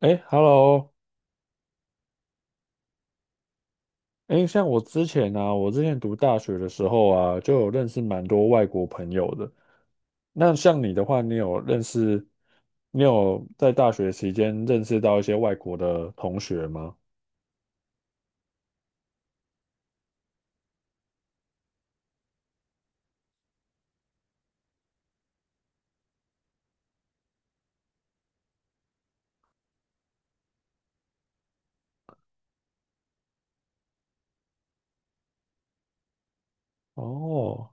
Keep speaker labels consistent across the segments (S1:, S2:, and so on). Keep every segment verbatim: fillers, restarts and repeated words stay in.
S1: 哎，Hello，哎，像我之前啊，我之前读大学的时候啊，就有认识蛮多外国朋友的。那像你的话，你有认识，你有在大学期间认识到一些外国的同学吗？哦，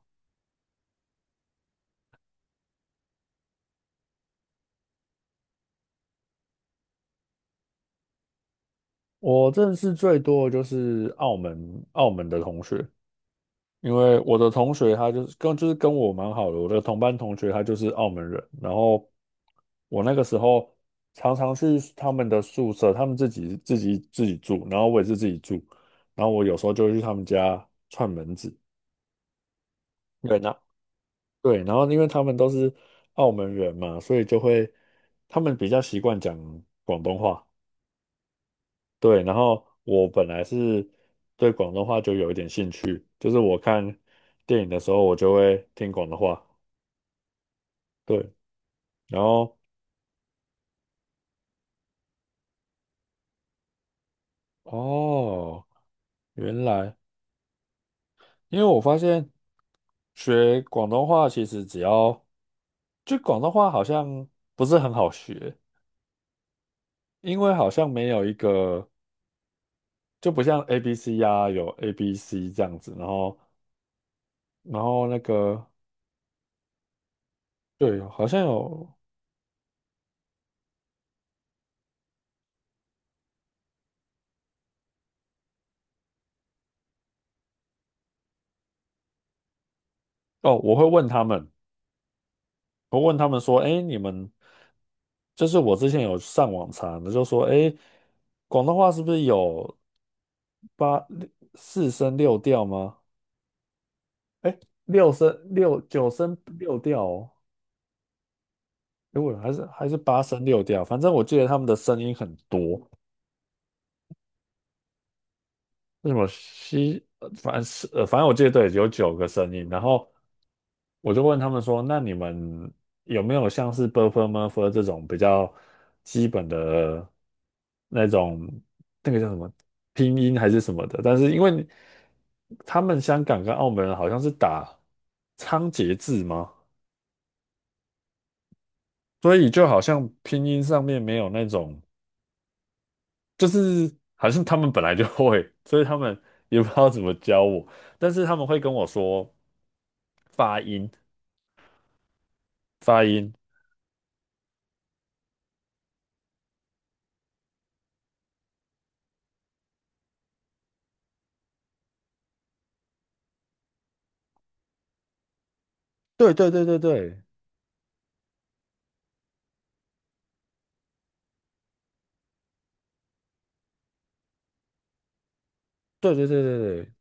S1: 我认识最多的就是澳门澳门的同学，因为我的同学他就是跟就是跟我蛮好的，我的同班同学他就是澳门人，然后我那个时候常常去他们的宿舍，他们自己自己自己住，然后我也是自己住，然后我有时候就会去他们家串门子。对，那对，然后因为他们都是澳门人嘛，所以就会他们比较习惯讲广东话。对，然后我本来是对广东话就有一点兴趣，就是我看电影的时候我就会听广东话。对，然后哦，原来。因为我发现学广东话其实只要，就广东话好像不是很好学，因为好像没有一个，就不像 A B C 呀、有 A B C 这样子，然后然后那个对，好像有哦。我会问他们，我问他们说，哎，你们就是我之前有上网查的，就说，哎，广东话是不是有八六四声六调吗？哎，六声六九声六调哦，如果还是还是八声六调，反正我记得他们的声音很多。是什么西，呃反正是呃，反正我记得，对，有九个声音。然后我就问他们说："那你们有没有像是 buffer murphy 这种比较基本的那种那个叫什么拼音还是什么的？但是因为你他们香港跟澳门人好像是打仓颉字吗？所以就好像拼音上面没有那种，就是好像他们本来就会，所以他们也不知道怎么教我。但是他们会跟我说。"发音，发音，对对对对对对对对对对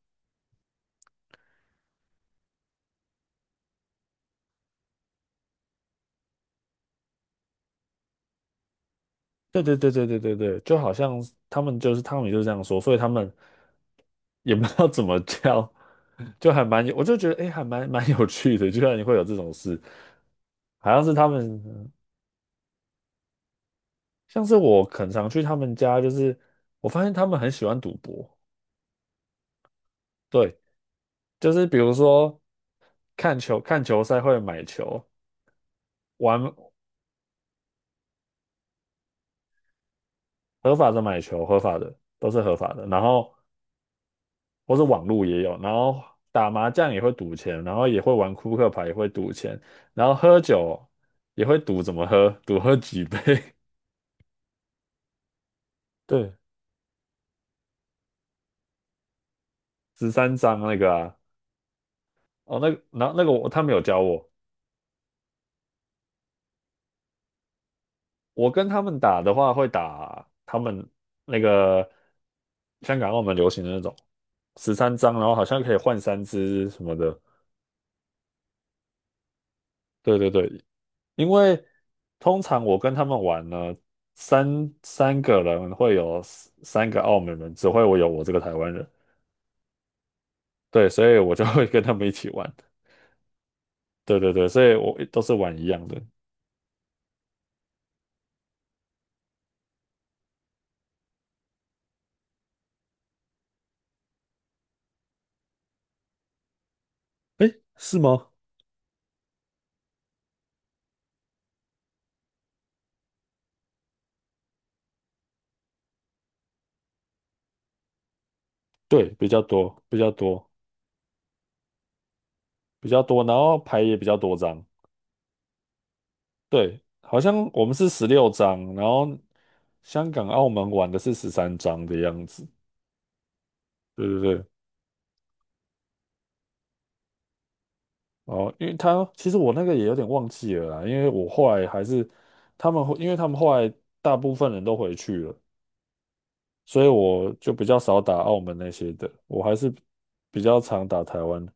S1: 对对对对对对对，就好像他们就是他米就是这样说，所以他们也不知道怎么叫，就还蛮有，我就觉得哎，诶还蛮蛮有趣的，居然会有这种事。好像是他们，像是我很常去他们家，就是我发现他们很喜欢赌博。对，就是比如说看球看球赛会买球。玩合法的买球，合法的都是合法的。然后。或是网络也有，然后打麻将也会赌钱，然后也会玩扑克牌也会赌钱，然后喝酒也会赌怎么喝，赌喝几杯。对，十三张那个啊。哦，那个，然后那个我他们有教我，我跟他们打的话会打他们那个香港澳门流行的那种十三张，然后好像可以换三只什么的。对对对，因为通常我跟他们玩呢，三三个人会有三三个澳门人，只会我有我这个台湾人。对，所以我就会跟他们一起玩。对对对，所以我都是玩一样的。诶，是吗？对，比较多，比较多，比较多，然后牌也比较多张。对，好像我们是十六张，然后香港、澳门玩的是十三张的样子。对对对，哦，因为他其实我那个也有点忘记了啦。因为我后来还是他们后，因为他们后来大部分人都回去了，所以我就比较少打澳门那些的，我还是比较常打台湾。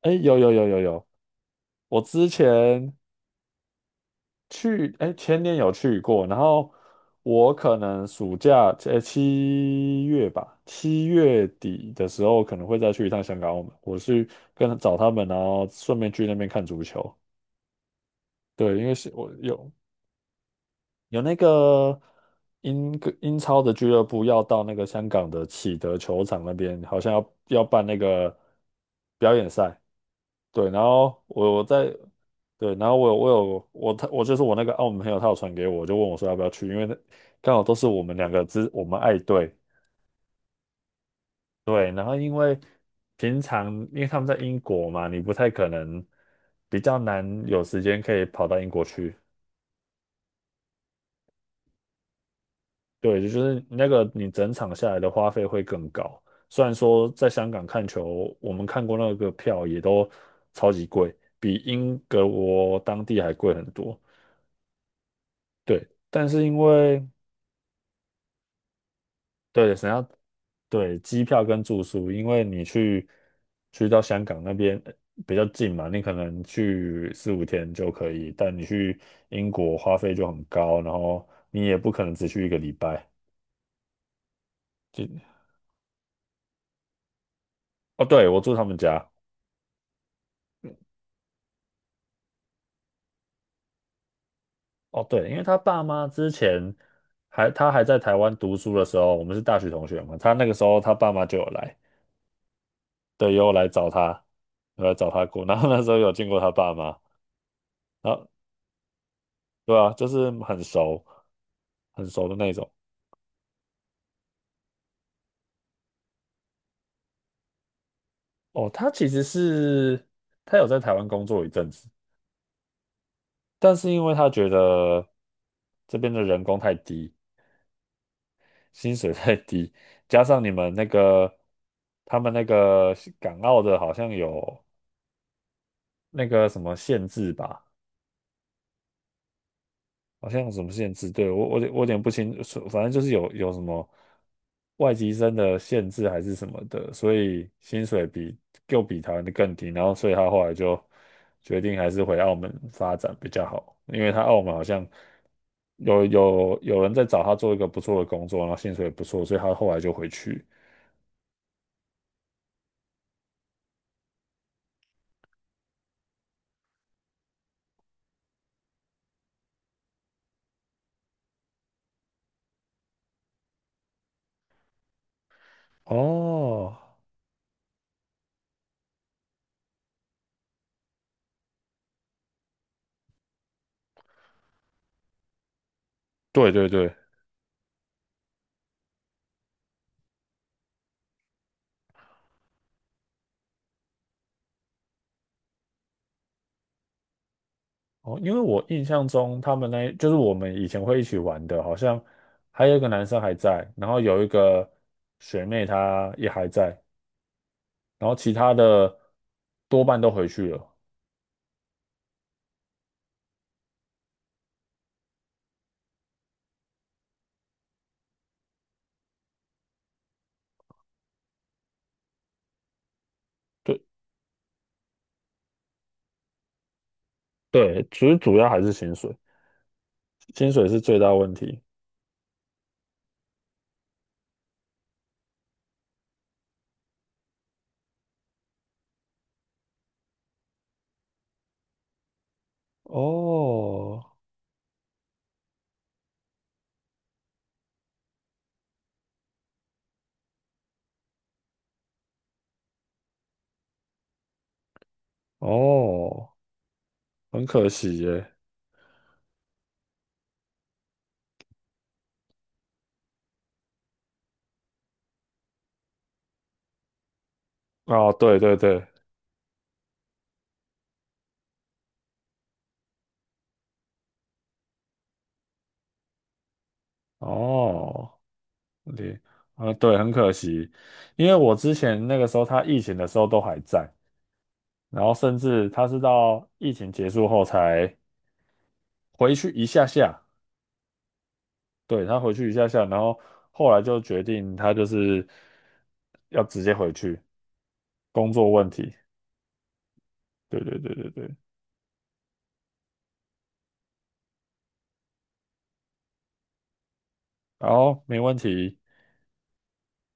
S1: 哎，有有有有有，我之前去，哎，前年有去过。然后我可能暑假，哎，七月吧，七月底的时候可能会再去一趟香港、澳门，我去跟找他们，然后顺便去那边看足球。对，因为是我有。有那个英格英超的俱乐部要到那个香港的启德球场那边，好像要要办那个表演赛。对，然后我我在对，然后我有我有我他我就是我那个澳门朋友，他有传给我，就问我说要不要去，因为那刚好都是我们两个之我们爱队。对，然后因为平常因为他们在英国嘛，你不太可能比较难有时间可以跑到英国去。对，就是那个你整场下来的花费会更高。虽然说在香港看球，我们看过那个票也都超级贵，比英国当地还贵很多。对，但是因为对，想要对机票跟住宿，因为你去去到香港那边呃比较近嘛，你可能去四五天就可以，但你去英国花费就很高，然后你也不可能只去一个礼拜。就哦，对，我住他们家。哦，对，因为他爸妈之前还他还在台湾读书的时候，我们是大学同学嘛，他那个时候他爸妈就有来，对，也有来找他，有来找他过，然后那时候有见过他爸妈。然后对啊，就是很熟，很熟的那种。哦，他其实是他有在台湾工作一阵子，但是因为他觉得这边的人工太低，薪水太低，加上你们那个他们那个港澳的好像有那个什么限制吧。好像有什么限制，对，我我有我有点不清楚，反正就是有有什么外籍生的限制还是什么的，所以薪水比又比台湾的更低，然后所以他后来就决定还是回澳门发展比较好，因为他澳门好像有有有人在找他做一个不错的工作，然后薪水也不错，所以他后来就回去。哦，对对对。哦，因为我印象中他们那就是我们以前会一起玩的，好像还有一个男生还在，然后有一个学妹她也还在，然后其他的多半都回去了。对对，其实主要还是薪水，薪水是最大问题。哦哦，很可惜耶。哦，对对对，哦，对，啊，对，很可惜，因为我之前那个时候他疫情的时候都还在。然后甚至他是到疫情结束后才回去一下下，对，他回去一下下，然后后来就决定他就是要直接回去工作问题。对对对对对，然后没问题。